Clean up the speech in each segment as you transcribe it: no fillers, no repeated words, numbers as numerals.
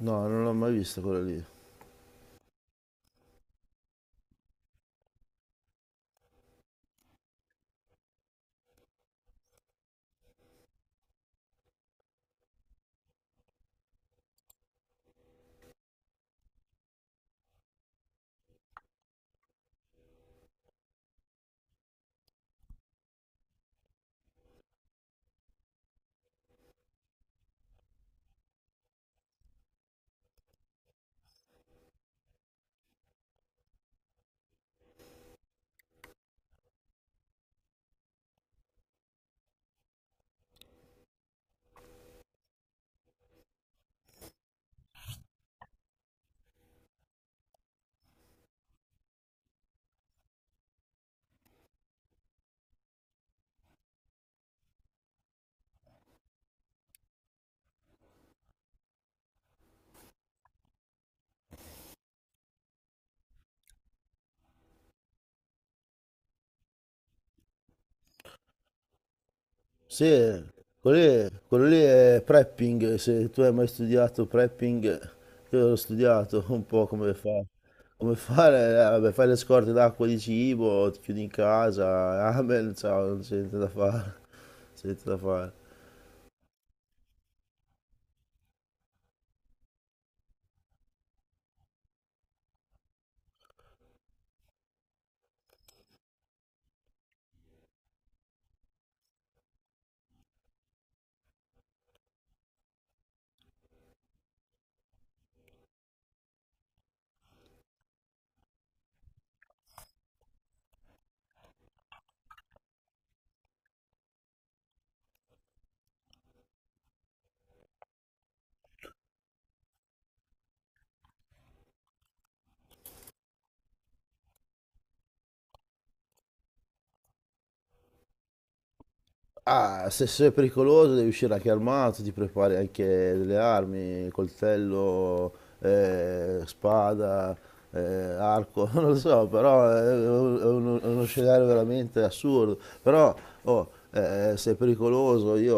No, non l'ho mai vista quella lì. Sì, quello lì è prepping, se tu hai mai studiato prepping, io l'ho studiato un po' come fa. Come fare, vabbè, fai le scorte d'acqua e di cibo, ti chiudi in casa, amen, ciao, non c'è niente da fare, c'è niente da fare. Ah, se sei pericoloso devi uscire anche armato, ti prepari anche delle armi, coltello, spada, eh, arco, non lo so, però è uno scenario veramente assurdo. Però, oh, se è pericoloso io,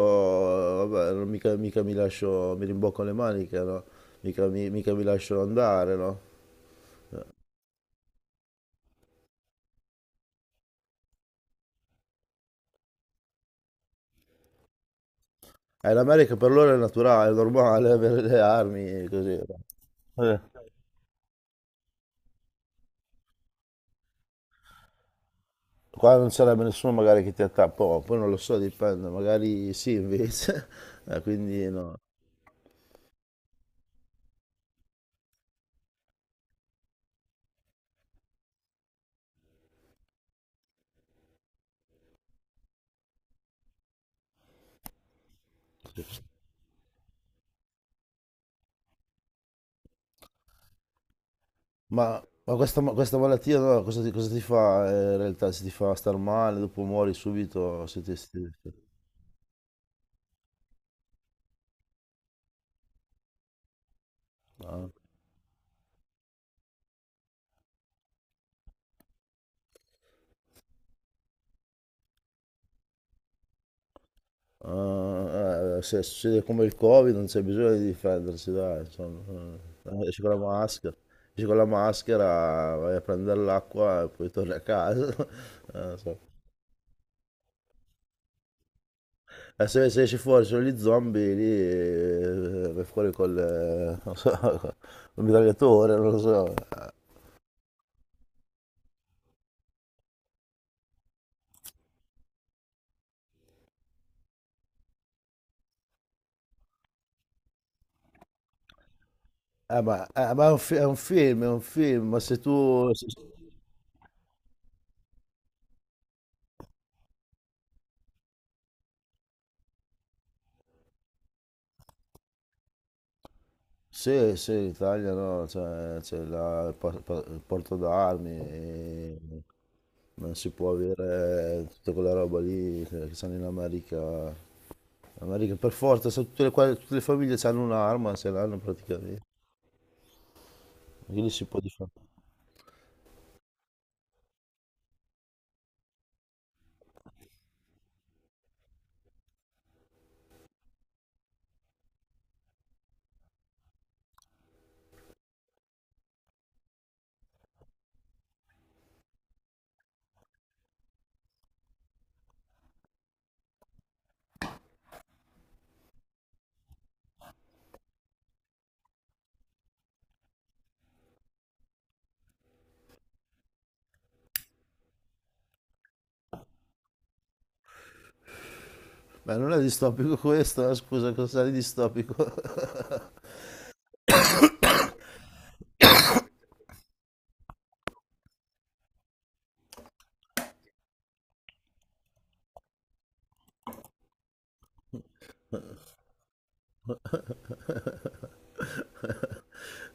vabbè, non mica mi lascio, mi rimbocco le maniche, no? Mica mi lascio andare, no? L'America per loro è naturale, è normale avere le armi così, no? Eh. Qua non sarebbe nessuno magari che ti attacca, oh, poi non lo so, dipende, magari sì invece, Quindi no. Ma questa malattia no, cosa ti fa in realtà? Se ti fa star male. Dopo muori subito, se ti... se ti- Ah, se succede come il Covid non c'è bisogno di difendersi, dai, insomma. Esci con la maschera, esci con la maschera, vai a prendere l'acqua e poi torni a casa. Non so. Se esci fuori sono gli zombie, lì vai fuori col, non so, col mitragliatore, non lo so. Ma è un film, ma se tu... se- Sì, sì, in Italia no, cioè, c'è il porto d'armi, e non si può avere tutta quella roba lì che stanno in America. In America per forza, se tutte le famiglie hanno un'arma, se l'hanno praticamente, quindi si può difendere. Ma non è distopico questo, scusa, cos'è di distopico?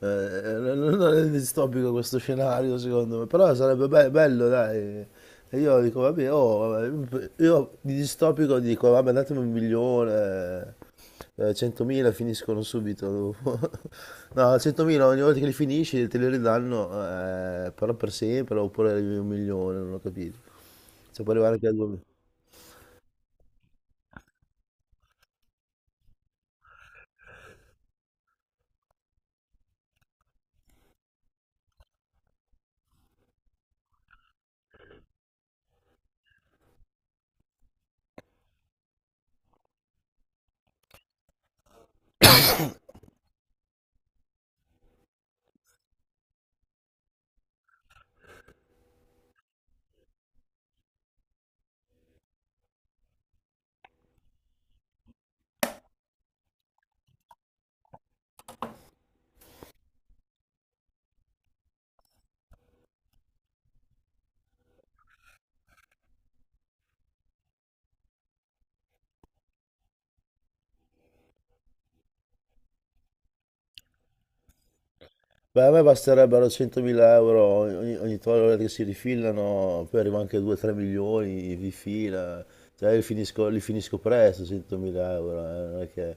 Non è distopico questo scenario secondo me, però sarebbe bello, dai. E io dico, vabbè, oh, vabbè, io di distopico dico, vabbè, datemi un milione, 100.000 finiscono subito dopo. No, 100.000 ogni volta che li finisci te li ridanno, però per sempre, oppure arrivi a un milione, non ho capito. Se può arrivare anche a 2. Beh, a me basterebbero 100.000 € ogni volta che si rifilano, poi arriva anche 2-3 milioni di fila, cioè li finisco presto 100.000 euro, non è che...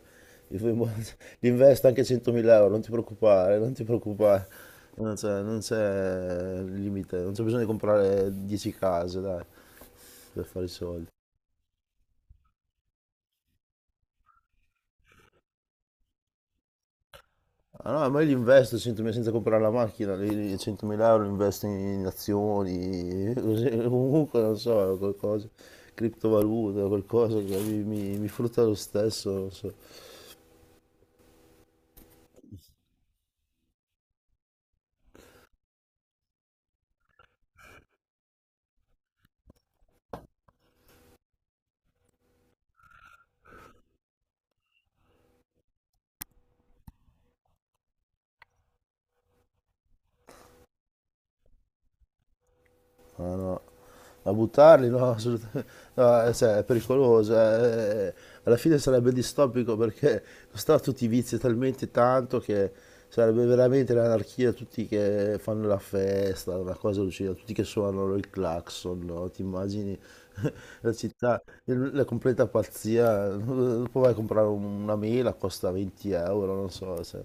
Li fai li investo anche 100.000 euro, non ti preoccupare, non ti preoccupare, non c'è limite, non c'è bisogno di comprare 10 case, dai, per fare i soldi. Ah, no, ma io li investo 100.000 senza comprare la macchina, 100.000 € li investo in azioni, così, comunque non so, qualcosa, criptovaluta, qualcosa che mi frutta lo stesso, non so. Ah, no, a buttarli? No, assolutamente. No, cioè, è pericoloso. Alla fine sarebbe distopico perché costava tutti i vizi talmente tanto che sarebbe veramente l'anarchia, tutti che fanno la festa, una cosa lucida, tutti che suonano il clacson, no? Ti immagini la città, la completa pazzia. Dopo vai a comprare una mela, costa 20 euro, non so.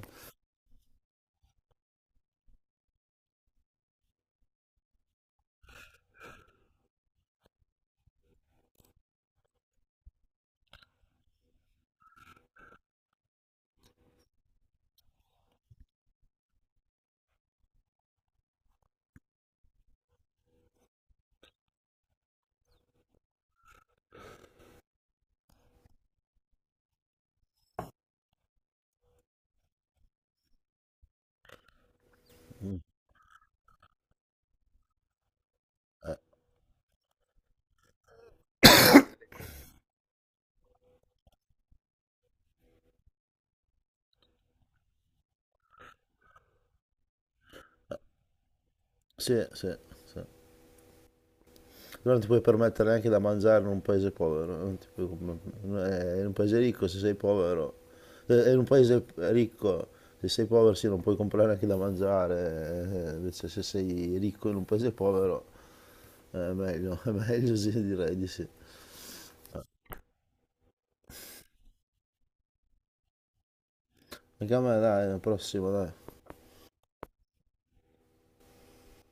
Sì, sì, sì. Non ti puoi permettere neanche da mangiare in un paese povero, non ti in un paese ricco se sei povero, in un paese ricco se sei povero sì non puoi comprare neanche da mangiare, invece se sei ricco in un paese povero è meglio, è meglio sì direi di sì. Anche a me dai, la prossima dai.